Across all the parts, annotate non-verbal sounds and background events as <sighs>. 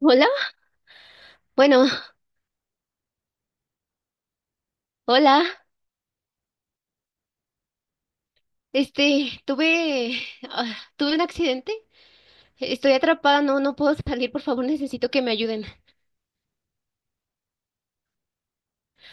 Hola, bueno, hola. Tuve, tuve un accidente. Estoy atrapada, no, no puedo salir, por favor, necesito que me ayuden.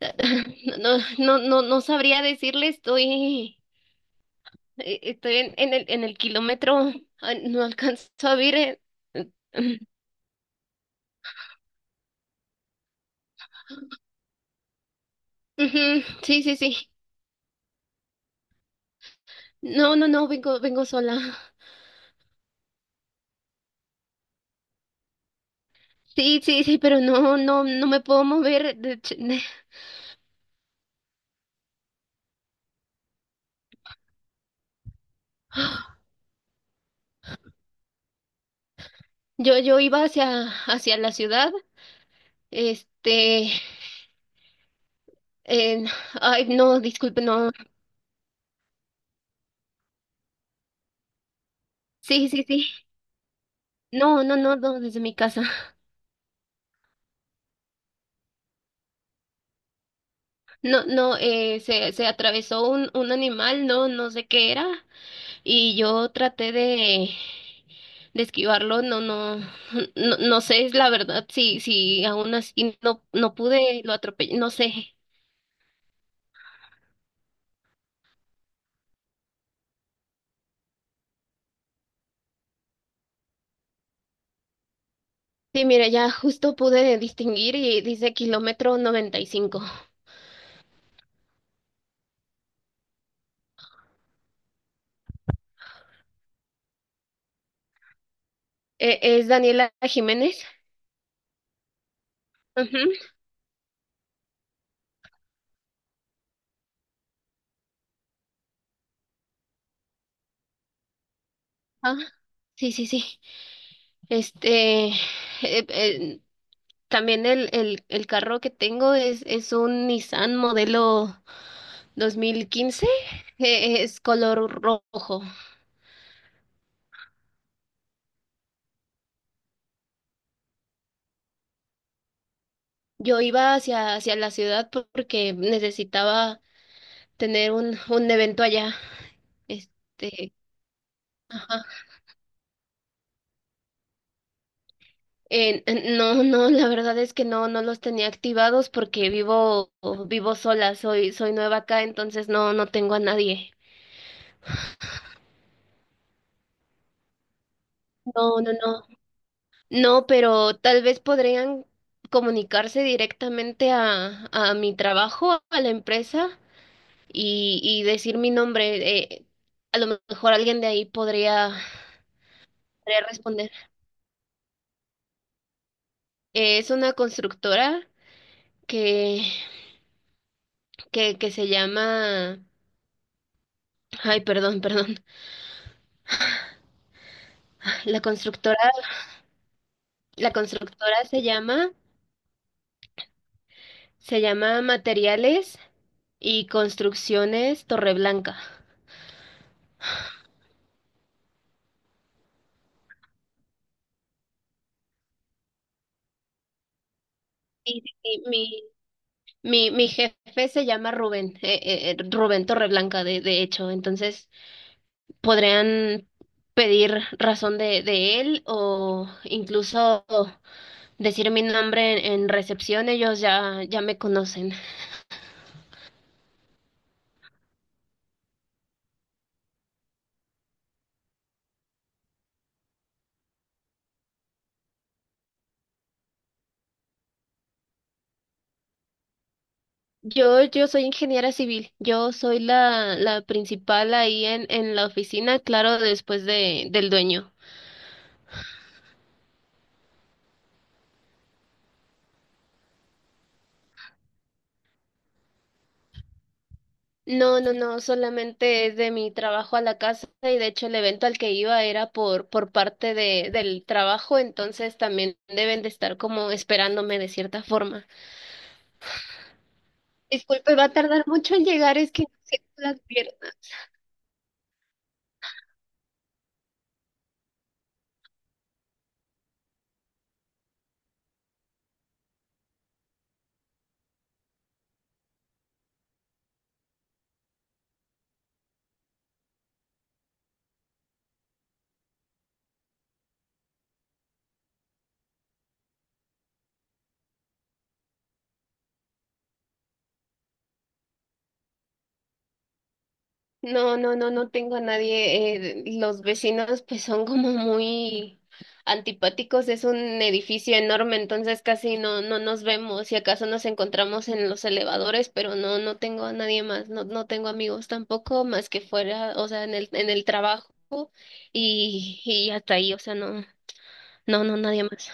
<laughs> No, no, no, no sabría decirle, estoy, estoy en el kilómetro, no alcanzo a ver. Eh, ujú, sí, sí, sí. No, no, no, vengo sola. Sí, sí, sí, pero no, no, no me puedo mover. <sighs> Yo iba hacia la ciudad, este. Eh, ay, no, disculpe, no. Sí, sí, sí. No, no, no, no, desde mi casa. No, no, se atravesó un animal, no, no sé qué era. Y yo traté de esquivarlo, no, no, no, no sé, es la verdad, si aún así no, no pude, lo atropellé, no sé. Sí, mira, ya justo pude distinguir y dice kilómetro 95. ¿Es Daniela Jiménez? Ujú. Ah, sí, sí, sí. Este, eh, eh, también el carro que tengo es un Nissan modelo 2015, es color rojo. Yo iba hacia la ciudad porque necesitaba tener un evento allá. Este, ajá. No, no, la verdad es que no, no los tenía activados porque vivo, vivo sola, soy, soy nueva acá, entonces no, no tengo a nadie. No, no, no. No, pero tal vez podrían comunicarse directamente a mi trabajo, a la empresa, y decir mi nombre. A lo mejor alguien de ahí podría, podría responder. Es una constructora que, que se llama... Ay, perdón, perdón. <laughs> La constructora, la constructora se llama Materiales y Construcciones Torreblanca. Sí, sí, sí, mi, mi jefe se llama Rubén, Rubén Torreblanca, de hecho. Entonces, podrían pedir razón de él o incluso decir mi nombre en recepción. Ellos ya, ya me conocen. Yo soy ingeniera civil. Yo soy la principal ahí en la oficina, claro, después del dueño. No, no, no, solamente es de mi trabajo a la casa y de hecho el evento al que iba era por parte del trabajo, entonces también deben de estar como esperándome de cierta forma. Disculpe, va a tardar mucho en llegar, es que no sé las vieron. No, no, no, no tengo a nadie. Los vecinos pues son como muy antipáticos. Es un edificio enorme, entonces casi no, no nos vemos. Si acaso nos encontramos en los elevadores, pero no, no tengo a nadie más. No, no tengo amigos tampoco, más que fuera, o sea, en el trabajo y hasta ahí, o sea, no, no, no, nadie más.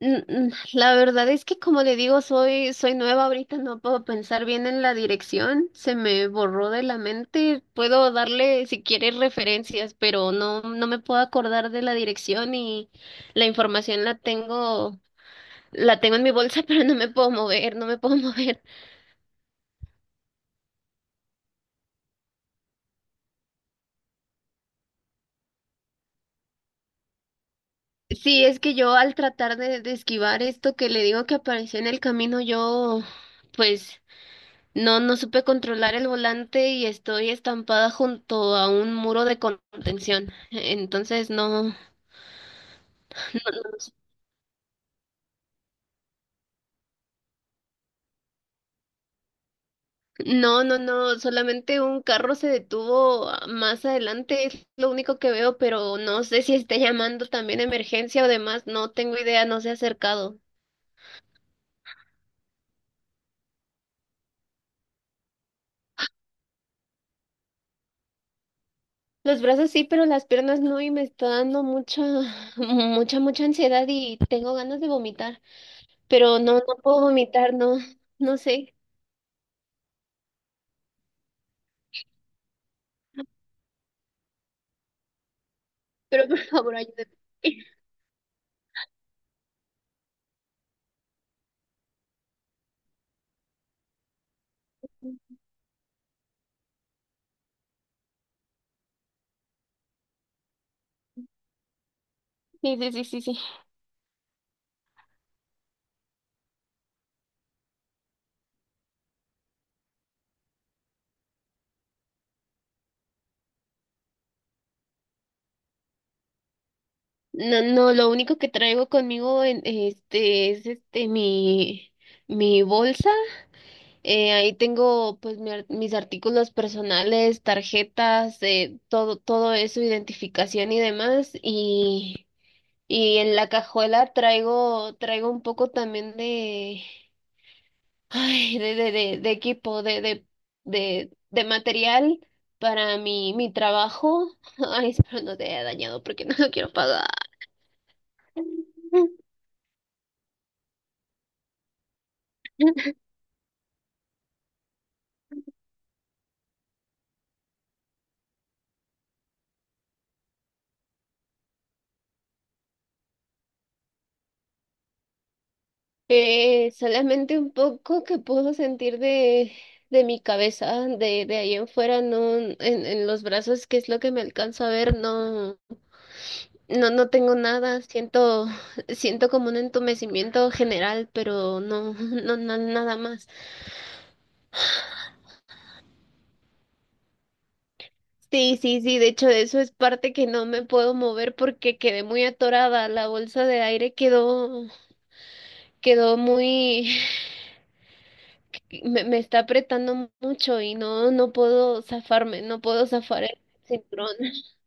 La verdad es que como le digo, soy, soy nueva ahorita, no puedo pensar bien en la dirección, se me borró de la mente, puedo darle si quieres referencias, pero no, no me puedo acordar de la dirección y la información la tengo en mi bolsa, <laughs> pero no me puedo mover, no me puedo mover. Sí, es que yo al tratar de esquivar esto que le digo que apareció en el camino, yo pues no, no supe controlar el volante y estoy estampada junto a un muro de contención. Entonces, no, no, no, no, solamente un carro se detuvo más adelante, es lo único que veo, pero no sé si esté llamando también emergencia o demás, no tengo idea, no se ha acercado. Los brazos sí, pero las piernas no, y me está dando mucha, <laughs> mucha, mucha ansiedad y tengo ganas de vomitar, pero no, no puedo vomitar, no, no sé, pero por favor ayúdame. <laughs> Sí, sí, sí, sí, sí. No, no, lo único que traigo conmigo en, este es este mi bolsa. Ahí tengo pues mis artículos personales, tarjetas, todo eso, identificación y demás. Y en la cajuela traigo un poco también de ay de equipo, de material para mi trabajo. <laughs> Ay, espero no te haya dañado porque <laughs> no lo quiero pagar. Solamente un poco que puedo sentir de mi cabeza, de ahí en fuera, no, en los brazos, que es lo que me alcanzo a ver, no, no, no tengo nada, siento, siento como un entumecimiento general, pero no, no, no, nada más. Sí, sí, sí, de hecho de eso es parte que no me puedo mover porque quedé muy atorada, la bolsa de aire quedó, quedó muy me, me está apretando mucho y no, no puedo zafarme, no puedo zafar el cinturón. <laughs>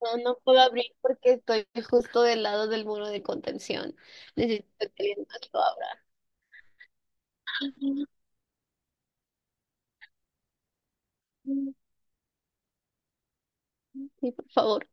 No, no puedo abrir porque estoy justo del lado del muro de contención. Necesito que alguien más lo abra. Sí, por favor.